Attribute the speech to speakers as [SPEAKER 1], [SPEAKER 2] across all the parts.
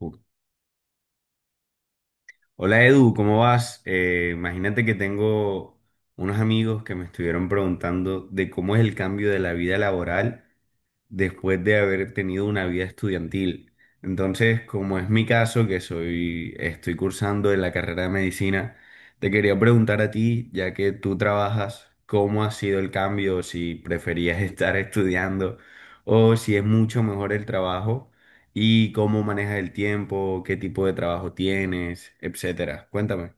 [SPEAKER 1] Uh. Hola Edu, ¿cómo vas? Imagínate que tengo unos amigos que me estuvieron preguntando de cómo es el cambio de la vida laboral después de haber tenido una vida estudiantil. Entonces, como es mi caso, estoy cursando en la carrera de medicina, te quería preguntar a ti, ya que tú trabajas, ¿cómo ha sido el cambio? Si preferías estar estudiando o si es mucho mejor el trabajo y cómo manejas el tiempo, qué tipo de trabajo tienes, etcétera. Cuéntame.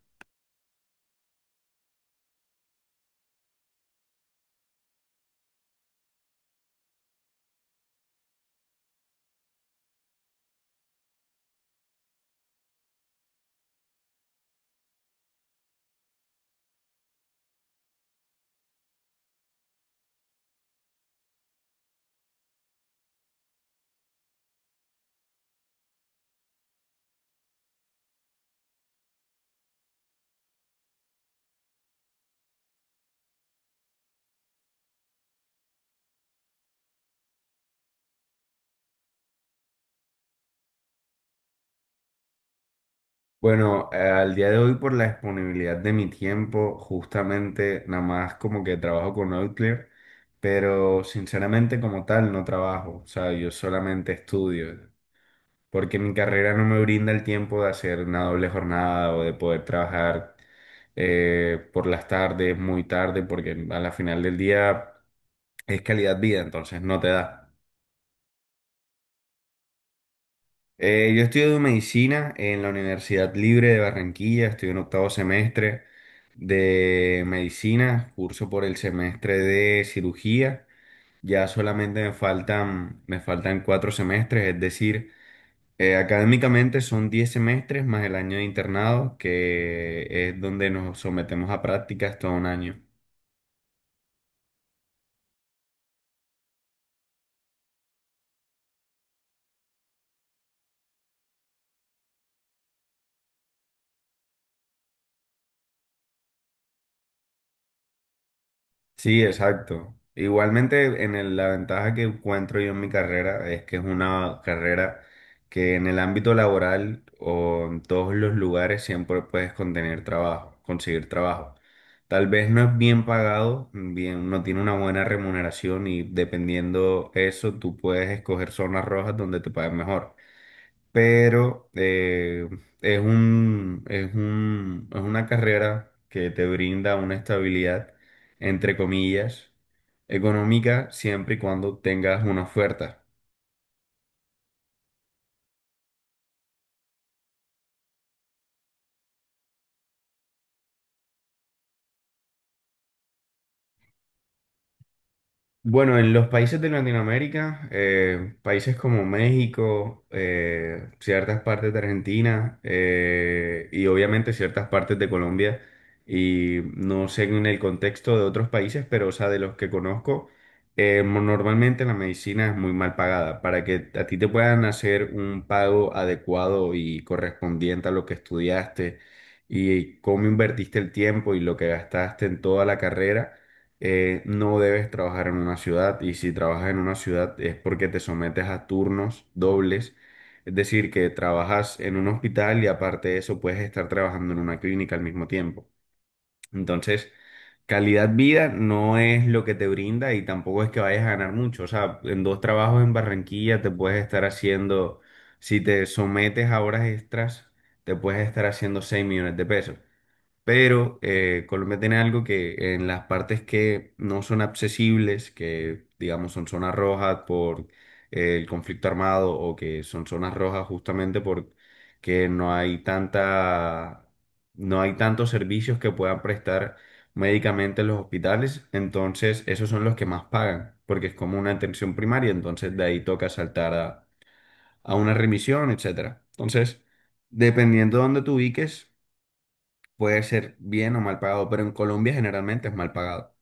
[SPEAKER 1] Bueno, al día de hoy por la disponibilidad de mi tiempo, justamente nada más como que trabajo con Outlier, pero sinceramente como tal no trabajo, o sea, yo solamente estudio, porque mi carrera no me brinda el tiempo de hacer una doble jornada o de poder trabajar por las tardes, muy tarde, porque a la final del día es calidad vida, entonces no te da. Yo estudio medicina en la Universidad Libre de Barranquilla, estoy en octavo semestre de medicina, curso por el semestre de cirugía, ya solamente me faltan 4 semestres, es decir, académicamente son 10 semestres más el año de internado, que es donde nos sometemos a prácticas todo un año. Sí, exacto. Igualmente, la ventaja que encuentro yo en mi carrera es que es una carrera que en el ámbito laboral o en todos los lugares siempre puedes contener trabajo, conseguir trabajo. Tal vez no es bien pagado, bien, no tiene una buena remuneración y dependiendo eso, tú puedes escoger zonas rojas donde te paguen mejor, pero es una carrera que te brinda una estabilidad, entre comillas, económica siempre y cuando tengas una oferta. Bueno, en los países de Latinoamérica, países como México, ciertas partes de Argentina, y obviamente ciertas partes de Colombia, y no sé en el contexto de otros países, pero o sea, de los que conozco, normalmente la medicina es muy mal pagada. Para que a ti te puedan hacer un pago adecuado y correspondiente a lo que estudiaste y cómo invertiste el tiempo y lo que gastaste en toda la carrera, no debes trabajar en una ciudad y si trabajas en una ciudad es porque te sometes a turnos dobles, es decir, que trabajas en un hospital y aparte de eso puedes estar trabajando en una clínica al mismo tiempo. Entonces, calidad vida no es lo que te brinda y tampoco es que vayas a ganar mucho. O sea, en dos trabajos en Barranquilla te puedes estar haciendo, si te sometes a horas extras, te puedes estar haciendo 6 millones de pesos. Pero Colombia tiene algo que en las partes que no son accesibles, que digamos son zonas rojas por el conflicto armado o que son zonas rojas justamente porque no hay tantos servicios que puedan prestar médicamente en los hospitales, entonces esos son los que más pagan, porque es como una atención primaria, entonces de ahí toca saltar a una remisión, etcétera. Entonces, dependiendo de dónde te ubiques, puede ser bien o mal pagado, pero en Colombia generalmente es mal pagado.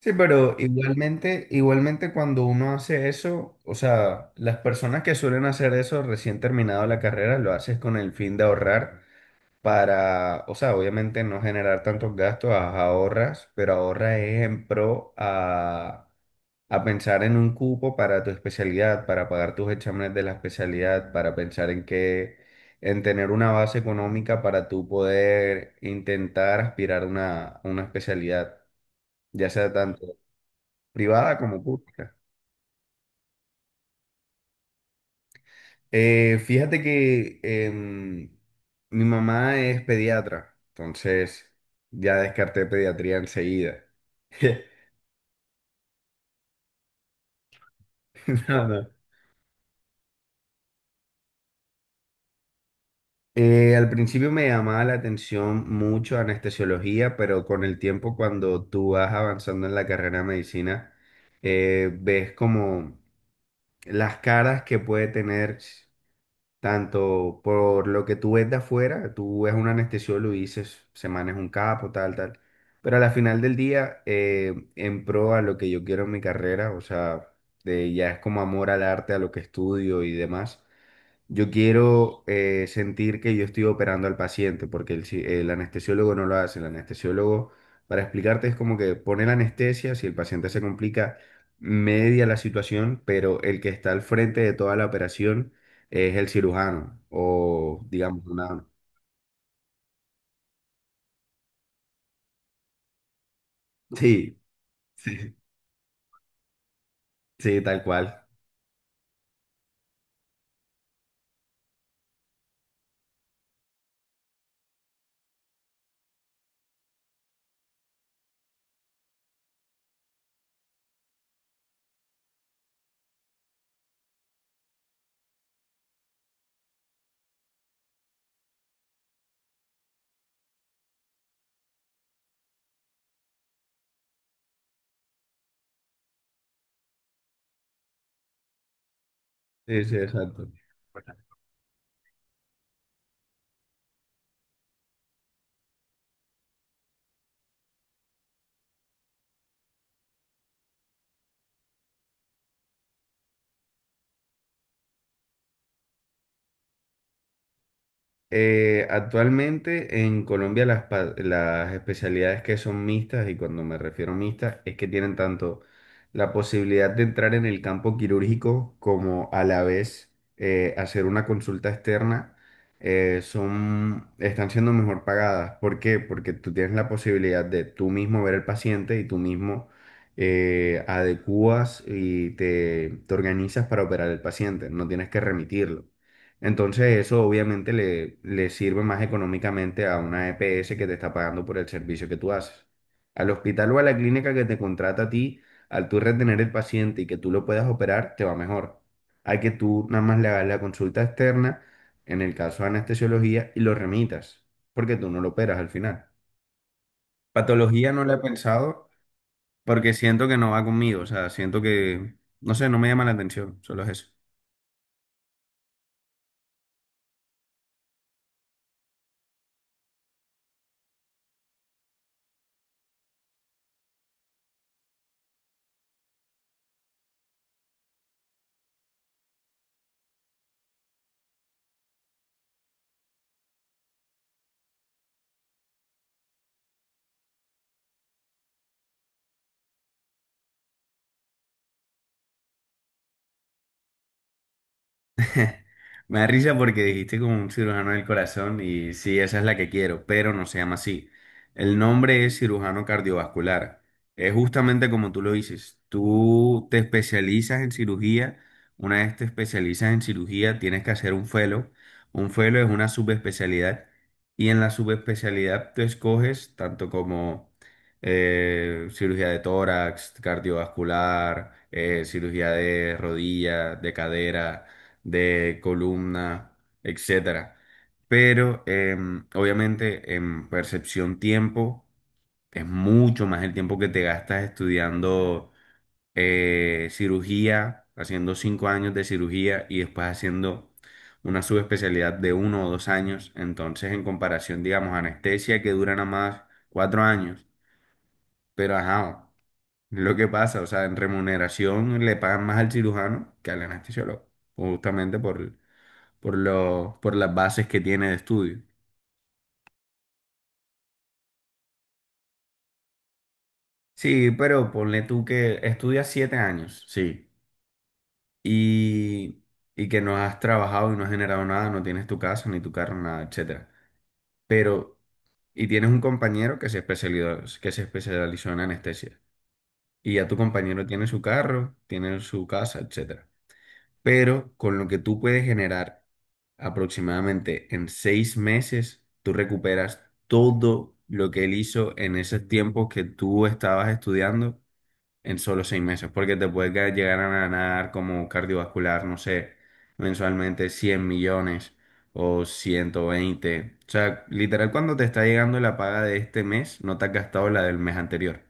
[SPEAKER 1] Sí, pero igualmente, igualmente cuando uno hace eso, o sea, las personas que suelen hacer eso recién terminado la carrera, lo haces con el fin de ahorrar o sea, obviamente no generar tantos gastos, ahorras, pero ahorra es en pro a pensar en un cupo para tu especialidad, para pagar tus exámenes de la especialidad, para pensar en tener una base económica para tú poder intentar aspirar a una especialidad, ya sea tanto privada como pública. Fíjate que mi mamá es pediatra, entonces ya descarté pediatría enseguida. No, no. Al principio me llamaba la atención mucho anestesiología, pero con el tiempo cuando tú vas avanzando en la carrera de medicina, ves como las caras que puede tener tanto por lo que tú ves de afuera, tú ves a un anestesiólogo y dices, se maneja un capo, tal, tal. Pero a la final del día, en pro a lo que yo quiero en mi carrera, o sea, ya es como amor al arte, a lo que estudio y demás, yo quiero sentir que yo estoy operando al paciente, porque el anestesiólogo no lo hace. El anestesiólogo, para explicarte, es como que pone la anestesia, si el paciente se complica, media la situación, pero el que está al frente de toda la operación es el cirujano, o digamos una. Sí, sí, sí, tal cual. Sí, sí, exacto. Actualmente en Colombia las especialidades que son mixtas, y cuando me refiero a mixtas, es que tienen tanto la posibilidad de entrar en el campo quirúrgico como a la vez hacer una consulta externa, están siendo mejor pagadas. ¿Por qué? Porque tú tienes la posibilidad de tú mismo ver al paciente y tú mismo adecuas y te organizas para operar al paciente, no tienes que remitirlo. Entonces eso obviamente le sirve más económicamente a una EPS que te está pagando por el servicio que tú haces. Al hospital o a la clínica que te contrata a ti, al tú retener el paciente y que tú lo puedas operar, te va mejor. Hay que tú nada más le hagas la consulta externa, en el caso de anestesiología, y lo remitas, porque tú no lo operas al final. Patología no la he pensado porque siento que no va conmigo, o sea, siento que, no sé, no me llama la atención, solo es eso. Me da risa porque dijiste como un cirujano del corazón y sí, esa es la que quiero, pero no se llama así. El nombre es cirujano cardiovascular. Es justamente como tú lo dices. Tú te especializas en cirugía. Una vez te especializas en cirugía, tienes que hacer un fellow. Un fellow es una subespecialidad y en la subespecialidad tú escoges tanto como cirugía de tórax, cardiovascular, cirugía de rodilla, de cadera de columna, etcétera. Pero obviamente en percepción tiempo es mucho más el tiempo que te gastas estudiando cirugía, haciendo 5 años de cirugía y después haciendo una subespecialidad de uno o dos años. Entonces, en comparación, digamos, anestesia que dura nada más 4 años. Pero ajá, lo que pasa, o sea, en remuneración le pagan más al cirujano que al anestesiólogo, justamente por las bases que tiene de estudio. Sí, pero ponle tú que estudias 7 años, sí, y, y que no has trabajado y no has generado nada, no tienes tu casa, ni tu carro, nada, etcétera. Pero, y tienes un compañero que se especializó en anestesia. Y ya tu compañero tiene su carro, tiene su casa, etcétera. Pero con lo que tú puedes generar aproximadamente en 6 meses, tú recuperas todo lo que él hizo en esos tiempos que tú estabas estudiando en solo 6 meses, porque te puedes llegar a ganar como cardiovascular, no sé, mensualmente 100 millones o 120. O sea, literal, cuando te está llegando la paga de este mes, no te has gastado la del mes anterior.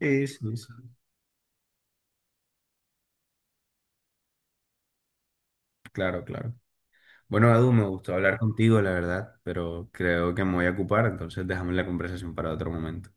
[SPEAKER 1] Sí, sí, sí. Claro, claro. Bueno, Edu, me gustó hablar contigo, la verdad, pero creo que me voy a ocupar, entonces dejamos la conversación para otro momento.